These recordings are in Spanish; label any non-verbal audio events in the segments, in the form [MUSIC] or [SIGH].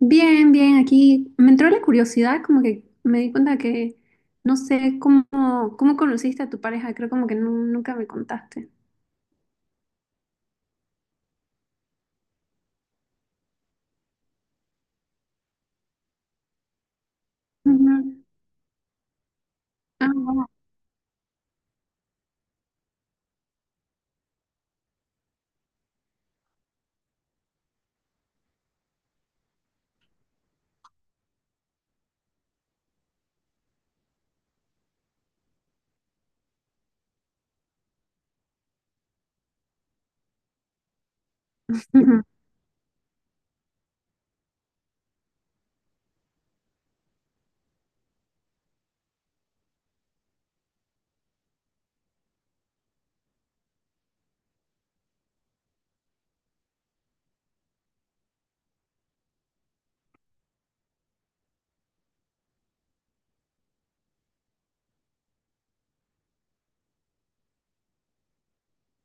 Bien, bien, aquí me entró la curiosidad, como que me di cuenta que no sé cómo conociste a tu pareja, creo como que nunca me contaste. Ujú. Ah, wow. Ujú.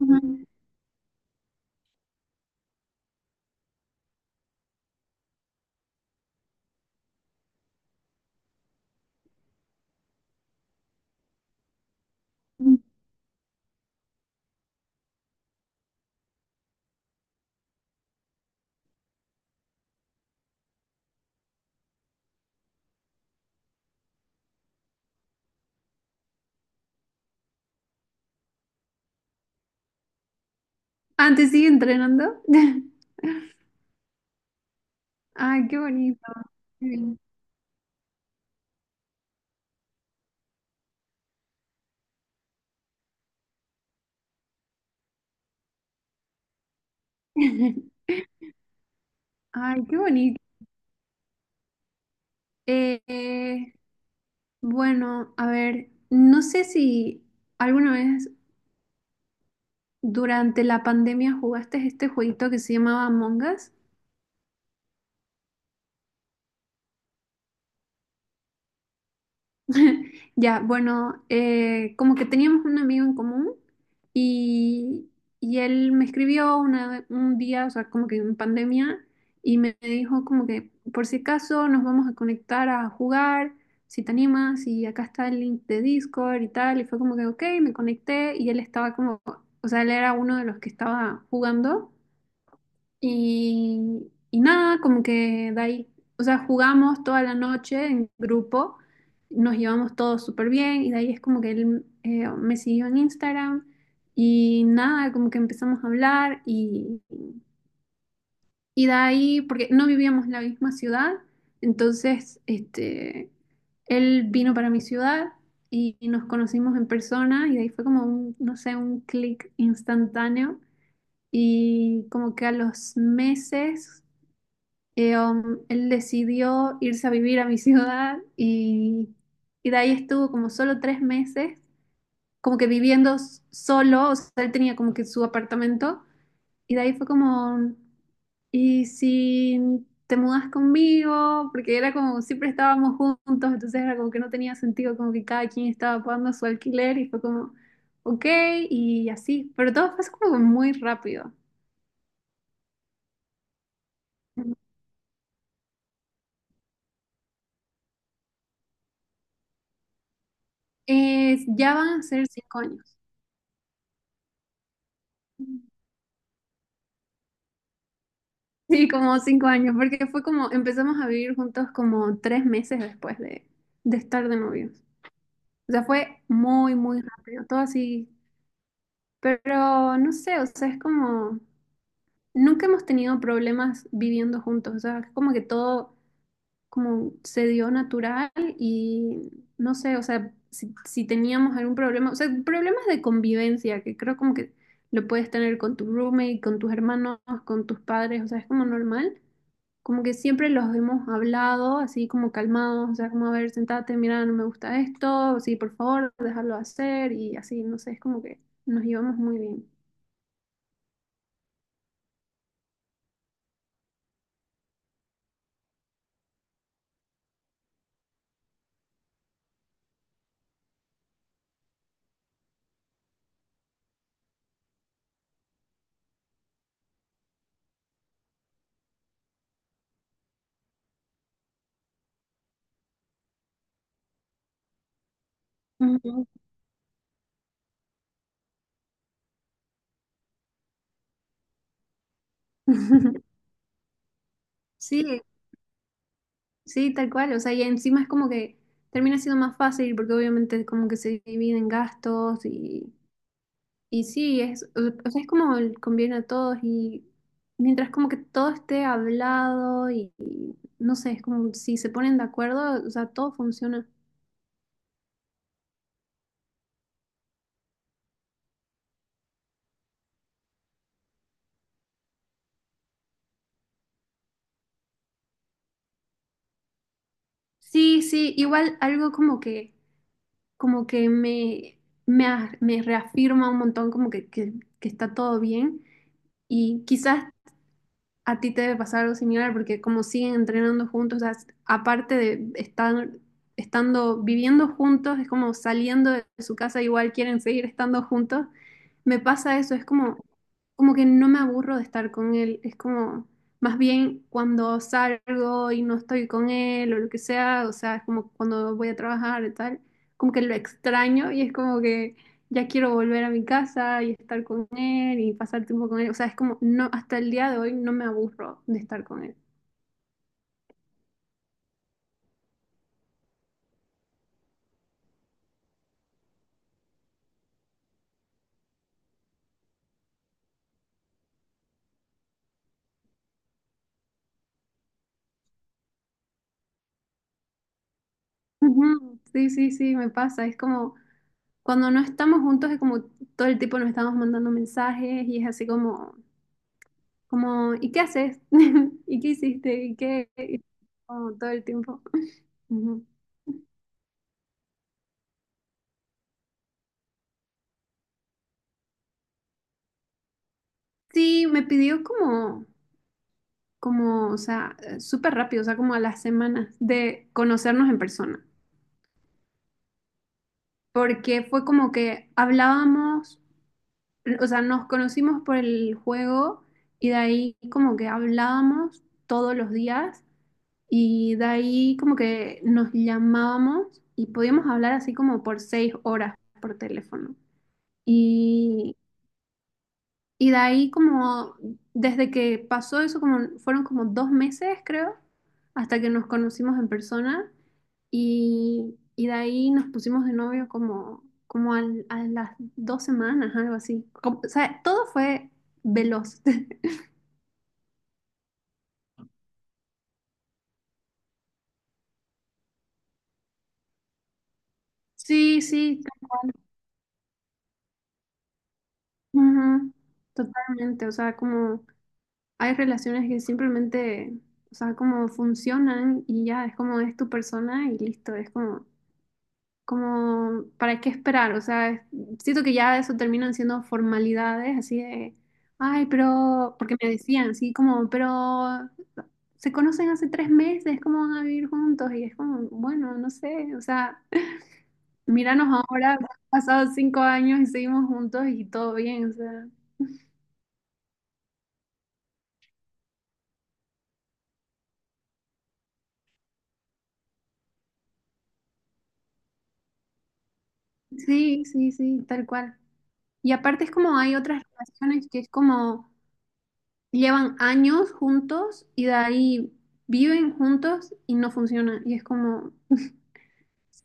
Ujú. Ujú. Ah, ¿te sigue entrenando? [LAUGHS] Ay, qué bonito. Qué bien. [LAUGHS] Ay, qué bonito. Eh, eh, bueno, a ver, no sé si alguna vez durante la pandemia jugaste este jueguito que se llamaba Among Us. [LAUGHS] Ya, bueno, como que teníamos un amigo en común y, él me escribió un día, o sea, como que en pandemia, y me dijo como que por si acaso nos vamos a conectar a jugar, si te animas, y acá está el link de Discord y tal, y fue como que, ok, me conecté y él estaba como, o sea, él era uno de los que estaba jugando. Y nada, como que de ahí, o sea, jugamos toda la noche en grupo, nos llevamos todos súper bien y de ahí es como que él me siguió en Instagram y nada, como que empezamos a hablar y, de ahí, porque no vivíamos en la misma ciudad, entonces este, él vino para mi ciudad y, nos conocimos en persona y de ahí fue como un, no sé, un clic instantáneo. Y como que a los meses él decidió irse a vivir a mi [LAUGHS] ciudad y, de ahí estuvo como solo 3 meses, como que viviendo solo, o sea, él tenía como que su apartamento y de ahí fue como, ¿y si te mudas conmigo? Porque era como, siempre estábamos juntos, entonces era como que no tenía sentido, como que cada quien estaba pagando su alquiler y fue como, ok, y así, pero todo fue como muy rápido. Ya van a ser 5 años. Sí, como 5 años, porque fue como, empezamos a vivir juntos como 3 meses después de estar de novios. O sea, fue muy, muy rápido, todo así. Pero no sé, o sea, es como, nunca hemos tenido problemas viviendo juntos, o sea, es como que todo como se dio natural y no sé, o sea, si teníamos algún problema, o sea, problemas de convivencia, que creo como que lo puedes tener con tu roommate, con tus hermanos, con tus padres, o sea, es como normal, como que siempre los hemos hablado así como calmados, o sea, como a ver, sentate, mira, no me gusta esto, sí, por favor, déjalo hacer y así, no sé, es como que nos llevamos muy bien. Ujú. [LAUGHS] Sí, sí, tal cual, o sea, y encima es como que termina siendo más fácil porque obviamente como que se dividen gastos y, sí, es, o sea, es como conviene a todos y mientras como que todo esté hablado y, no sé, es como si se ponen de acuerdo, o sea, todo funciona. Sí, sí, igual algo como que me reafirma un montón, como que está todo bien. Y quizás a ti te debe pasar algo similar porque como siguen entrenando juntos, o sea, aparte de estar estando viviendo juntos, es como saliendo de su casa, igual quieren seguir estando juntos. Me pasa eso, es como, como que no me aburro de estar con él, es como más bien cuando salgo y no estoy con él o lo que sea, o sea, es como cuando voy a trabajar y tal, como que lo extraño y es como que ya quiero volver a mi casa y estar con él y pasar tiempo con él. O sea, es como, no, hasta el día de hoy no me aburro de estar con él. Ujú. Sí, sí, sí, me pasa. Es como, cuando no estamos juntos es como todo el tiempo nos estamos mandando mensajes y es así como, ¿y qué haces? [LAUGHS] ¿Y qué hiciste? ¿Y qué? Y como todo el tiempo. [LAUGHS] Ujú. Sí, me pidió como, o sea, súper rápido, o sea, como a las semanas de conocernos en persona, porque fue como que hablábamos, o sea, nos conocimos por el juego y de ahí como que hablábamos todos los días y de ahí como que nos llamábamos y podíamos hablar así como por 6 horas por teléfono. Y de ahí como, desde que pasó eso, como fueron como 2 meses, creo, hasta que nos conocimos en persona. Y de ahí nos pusimos de novio como a las 2 semanas, algo así. O sea, todo fue veloz. [LAUGHS] Sí, sí, ujú, totalmente. O sea, como hay relaciones que simplemente, o sea, como funcionan y ya es como es tu persona y listo. Es como, ¿para qué esperar? O sea, siento que ya eso terminan siendo formalidades, así de, ay, pero, porque me decían, así como, pero se conocen hace 3 meses, ¿cómo van a vivir juntos? Y es como, bueno, no sé, o sea, míranos ahora, [LAUGHS] han pasado 5 años y seguimos juntos y todo bien, o sea, sí, sí, sí, tal cual. Y aparte es como hay otras relaciones que es como llevan años juntos y de ahí viven juntos y no funciona. Y es como,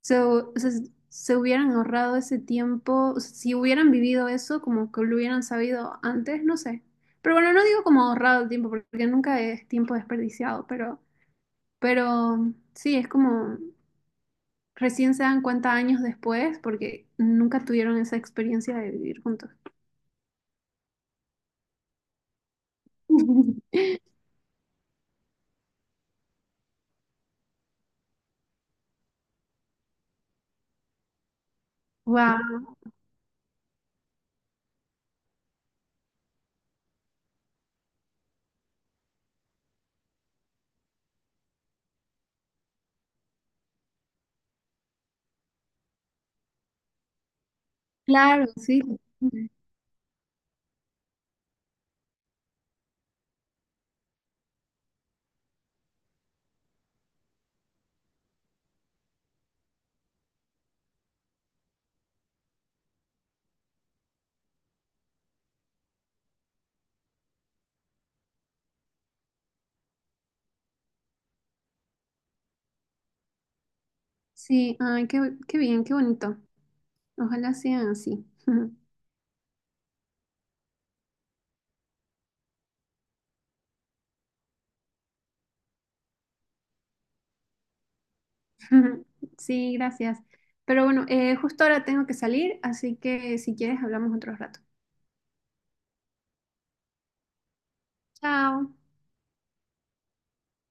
so, o sea, se hubieran ahorrado ese tiempo, o sea, si hubieran vivido eso, como que lo hubieran sabido antes, no sé. Pero bueno, no digo como ahorrado el tiempo, porque nunca es tiempo desperdiciado, pero sí, es como recién se dan cuenta años después, porque nunca tuvieron esa experiencia de vivir juntos. [LAUGHS] Wow, claro, sí. Sí, ay, qué bien, qué bonito. Ojalá sean así. [LAUGHS] Ujú. Sí, gracias. Pero bueno, justo ahora tengo que salir, así que si quieres hablamos otro rato. Chao.